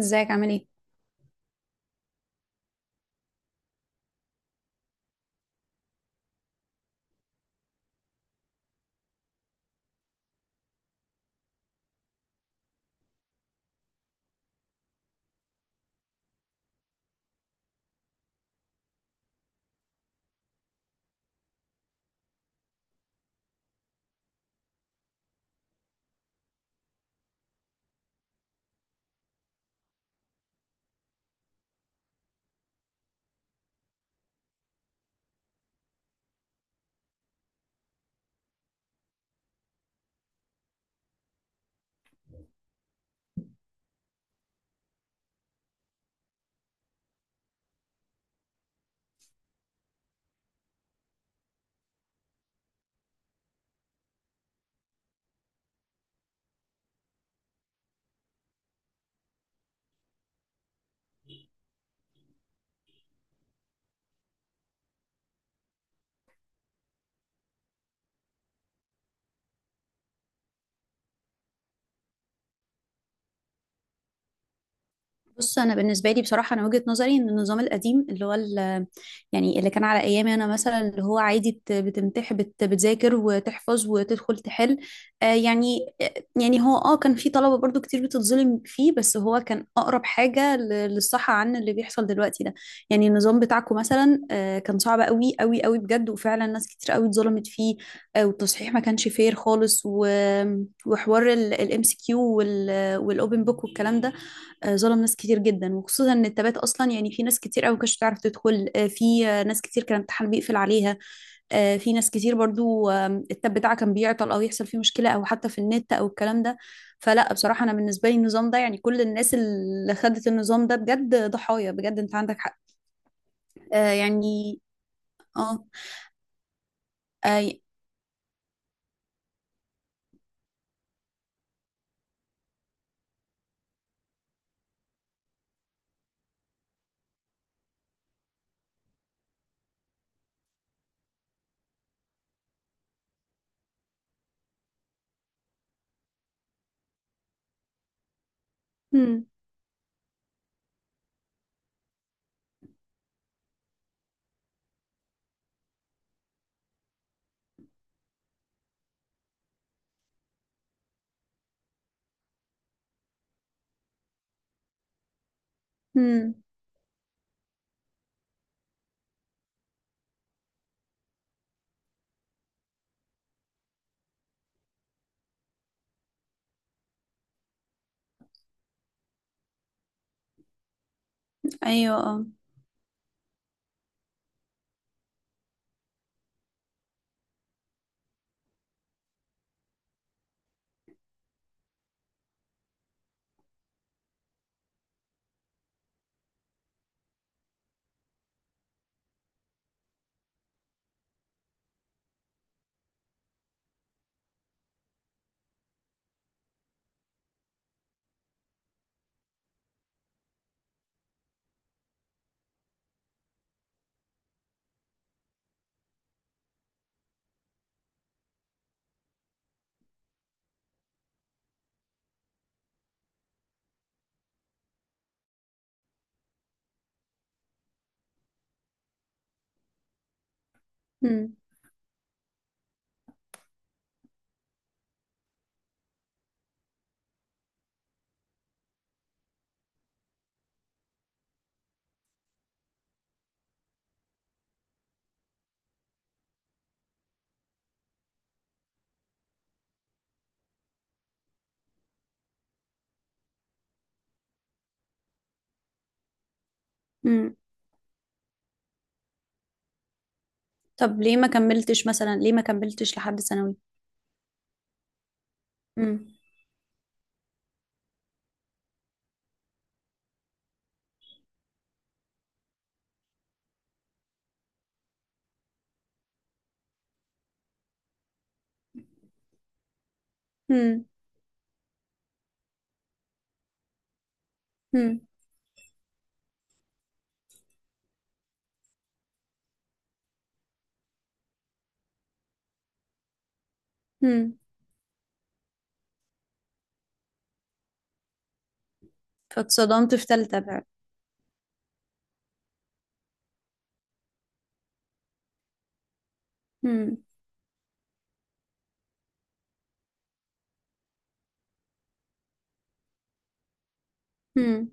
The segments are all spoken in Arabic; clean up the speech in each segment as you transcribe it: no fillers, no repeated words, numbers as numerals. ازيك؟ عامل ايه؟ بص، انا بالنسبه لي بصراحه انا وجهه نظري ان النظام القديم اللي هو يعني اللي كان على ايامي، انا مثلا اللي هو عادي بتمتح، بتذاكر وتحفظ وتدخل تحل. آه يعني يعني هو كان في طلبه برضو كتير بتتظلم فيه، بس هو كان اقرب حاجه للصح عن اللي بيحصل دلوقتي ده. يعني النظام بتاعكم مثلا كان صعب قوي قوي قوي بجد، وفعلا ناس كتير قوي اتظلمت فيه. والتصحيح ما كانش فير خالص، و- وحوار الMCQ والاوبن بوك والكلام ده. ظلم ناس كتير جدا، وخصوصا ان التبات اصلا، يعني في ناس كتير قوي كانتش بتعرف تدخل، في ناس كتير كان الامتحان بيقفل عليها. في ناس كتير برضو التاب بتاعها كان بيعطل او يحصل فيه مشكله، او حتى في النت او الكلام ده. فلا بصراحه، انا بالنسبه لي النظام ده يعني كل الناس اللي خدت النظام ده بجد ضحايا بجد، انت عندك حق. يعني. اه. اي. مم. مم. ايوه، اه. مم. مم. طب ليه ما كملتش مثلا؟ ليه ما كملتش لحد ثانوي؟ مم. مم. مم. مم. فاتصدمت في تالتة بقى. هم. هم.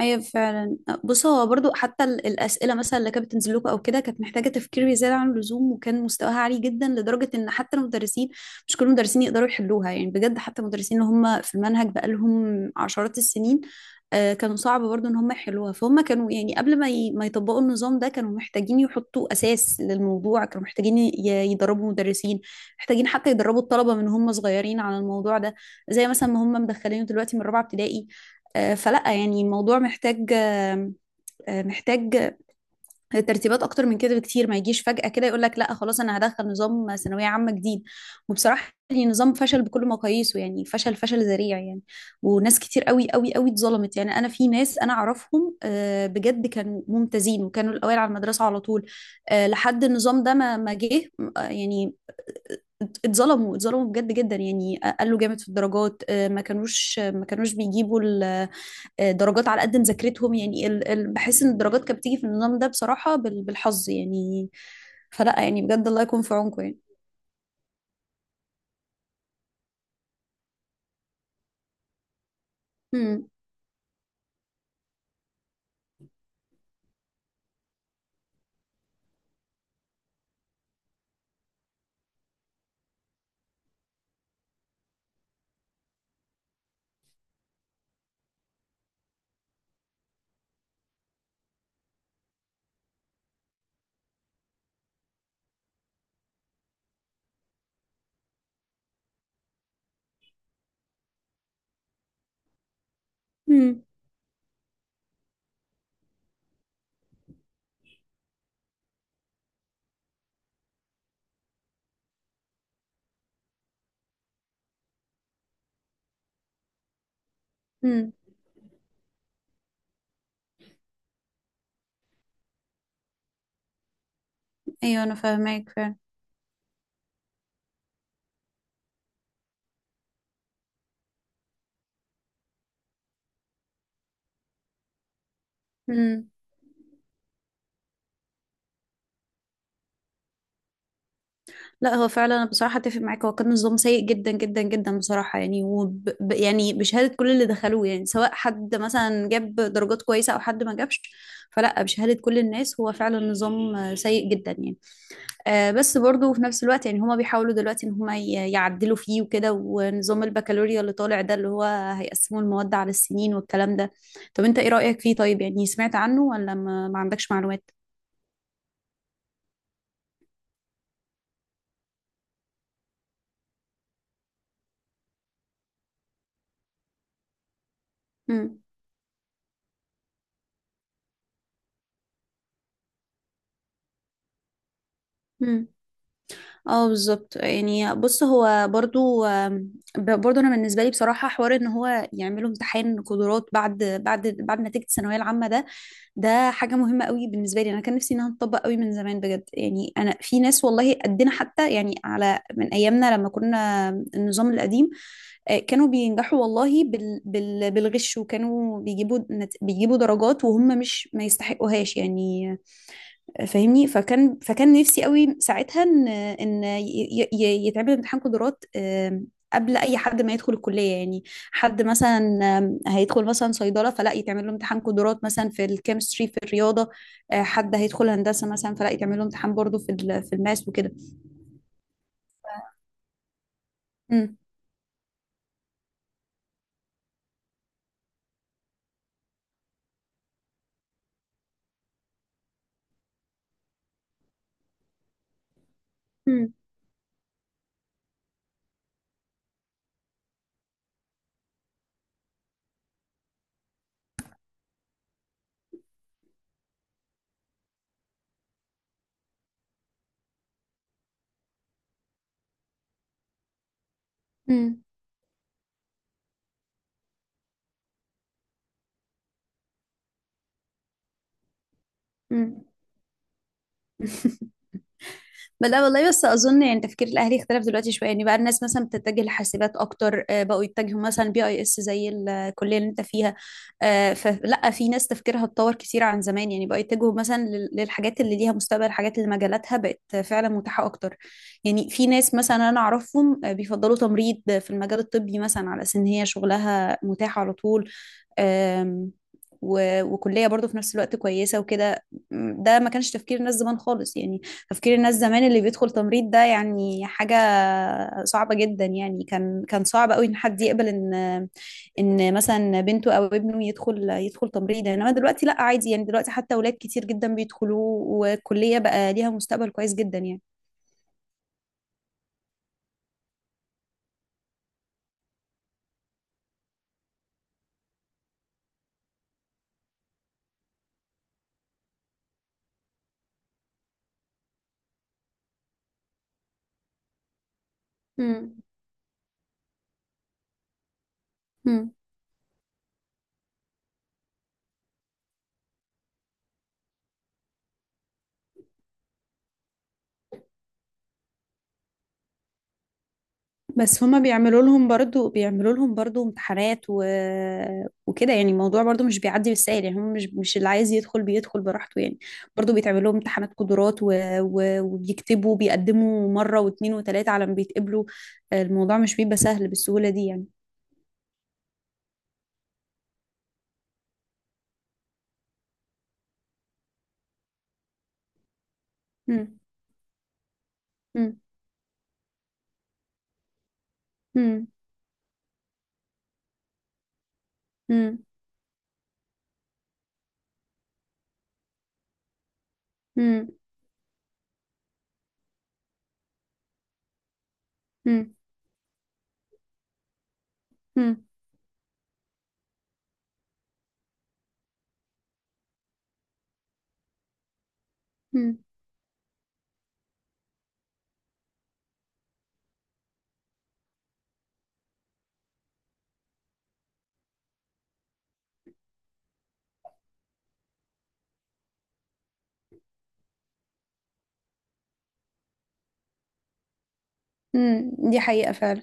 ايوه، فعلا. بص، هو برضو حتى الاسئله مثلا اللي كانت بتنزل لكم او كده، كانت محتاجه تفكير زياده عن اللزوم، وكان مستواها عالي جدا لدرجه ان حتى المدرسين، مش كل المدرسين يقدروا يحلوها. يعني بجد حتى المدرسين اللي هم في المنهج بقالهم عشرات السنين، كانوا صعب برضو ان هم يحلوها. فهم كانوا يعني قبل ما ما يطبقوا النظام ده كانوا محتاجين يحطوا اساس للموضوع، كانوا محتاجين يدربوا مدرسين، محتاجين حتى يدربوا الطلبه من هم صغيرين على الموضوع ده، زي مثلا ما هم مدخلينه دلوقتي من رابعه ابتدائي. فلا يعني الموضوع محتاج محتاج ترتيبات اكتر من كده بكتير. ما يجيش فجأة كده يقول لك لا خلاص انا هدخل نظام ثانوية عامة جديد. وبصراحة يعني نظام فشل بكل مقاييسه، يعني فشل ذريع يعني. وناس كتير قوي قوي قوي اتظلمت، يعني انا في ناس انا اعرفهم بجد كانوا ممتازين وكانوا الاوائل على المدرسة على طول، لحد النظام ده ما جه. يعني اتظلموا بجد جدا، يعني قالوا جامد في الدرجات. ما كانوش بيجيبوا درجات على قد مذاكرتهم. يعني بحس ان الدرجات كانت بتيجي في النظام ده بصراحة بالحظ يعني. فلا يعني بجد، الله يكون في عونكم يعني. امم. امم. امم. ايوه، انا فاهماك فعلا. امم. لا، هو فعلا انا بصراحة اتفق معاك. هو كان نظام سيء جدا جدا جدا بصراحة يعني، يعني بشهادة كل اللي دخلوه، يعني سواء حد مثلا جاب درجات كويسة او حد ما جابش. فلا بشهادة كل الناس هو فعلا نظام سيء جدا يعني. بس برضو في نفس الوقت، يعني هما بيحاولوا دلوقتي ان هما يعدلوا فيه وكده. ونظام البكالوريا اللي طالع ده اللي هو هيقسموا المواد على السنين والكلام ده. طب انت ايه رأيك فيه؟ طيب يعني سمعت عنه ولا ما عندكش معلومات؟ امم. امم. اه، بالظبط. يعني بص هو برضو برضو انا بالنسبه لي بصراحه حوار ان هو يعملوا امتحان قدرات بعد بعد نتيجه الثانويه العامه ده، ده حاجة مهمة قوي بالنسبة لي. انا كان نفسي انها تطبق قوي من زمان بجد، يعني انا في ناس والله قدنا حتى، يعني على من ايامنا لما كنا النظام القديم، كانوا بينجحوا والله بالغش، وكانوا بيجيبوا بيجيبوا درجات وهم مش ما يستحقوهاش يعني. فاهمني؟ فكان نفسي قوي ساعتها ان يتعمل امتحان قدرات، قبل اي حد ما يدخل الكليه يعني. حد مثلا هيدخل مثلا صيدله، فلا يتعمل له امتحان قدرات مثلا في الكيمستري، في الرياضه. حد هيدخل هندسه مثلا فلا يتعمل له امتحان برضه في في الماس وكده. امم. مم. مم. مم. لا والله، بس اظن يعني تفكير الاهلي اختلف دلوقتي شويه. يعني بقى الناس مثلا بتتجه لحاسبات اكتر، بقوا يتجهوا مثلا بي اي اس زي الكليه اللي انت فيها. فلا في ناس تفكيرها اتطور كتير عن زمان. يعني بقوا يتجهوا مثلا للحاجات اللي ليها مستقبل، الحاجات اللي مجالاتها بقت فعلا متاحه اكتر. يعني في ناس مثلا انا اعرفهم بيفضلوا تمريض في المجال الطبي مثلا، على اساس ان هي شغلها متاح على طول. آم، و- وكلية برضو في نفس الوقت كويسة وكده. ده ما كانش تفكير الناس زمان خالص يعني. تفكير الناس زمان اللي بيدخل تمريض ده يعني حاجة صعبة جدا. يعني كان صعب قوي ان حد يقبل ان ان مثلا بنته او ابنه يدخل تمريض، انما دلوقتي لا، عادي يعني. دلوقتي حتى اولاد كتير جدا بيدخلوا، والكلية بقى ليها مستقبل كويس جدا يعني. مم. مم. بس هما بيعملوا لهم برضو بيعملوا لهم برضو امتحانات و... وكده يعني. الموضوع برضو مش بيعدي بالسهل، يعني هم مش اللي عايز يدخل بيدخل براحته يعني. برضو بيتعمل لهم امتحانات قدرات و... و... وبيكتبوا، بيقدموا مرة واتنين وتلاتة على ما بيتقبلوا. الموضوع مش بيبقى سهل بالسهولة دي يعني. مم. مم. مم. مم. مم. مم. مم. مم. مم. دي حقيقة فعلا.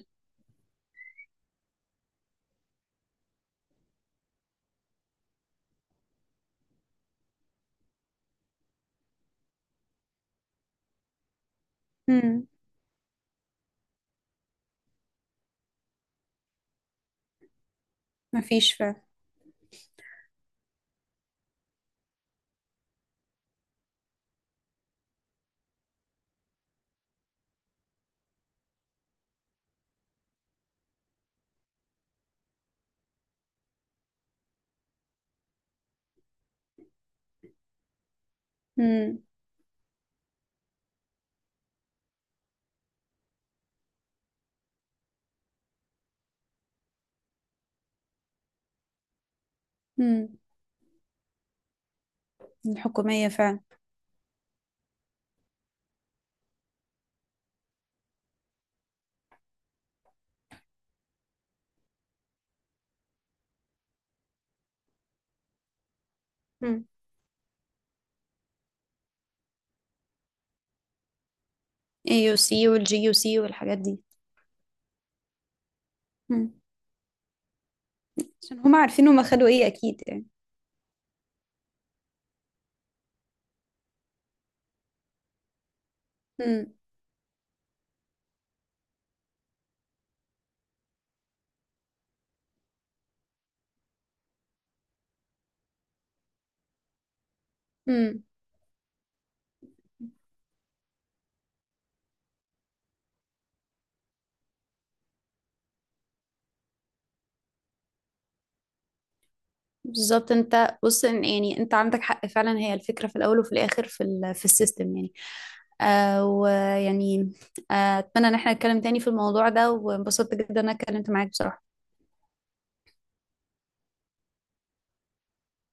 مم. مفيش فعلا. مم. مم. الحكومية فعلا. مم. AUC والجي يو سي والحاجات دي. مم. عشان هما عارفين، هما خدوا ايه اكيد يعني. امم. امم. بالظبط. انت بص يعني انت عندك حق فعلا. هي الفكره في الاول وفي الاخر في في السيستم يعني. ويعني اتمنى ان احنا نتكلم تاني في الموضوع ده، وانبسطت جدا ان انا اتكلمت معاك بصراحه.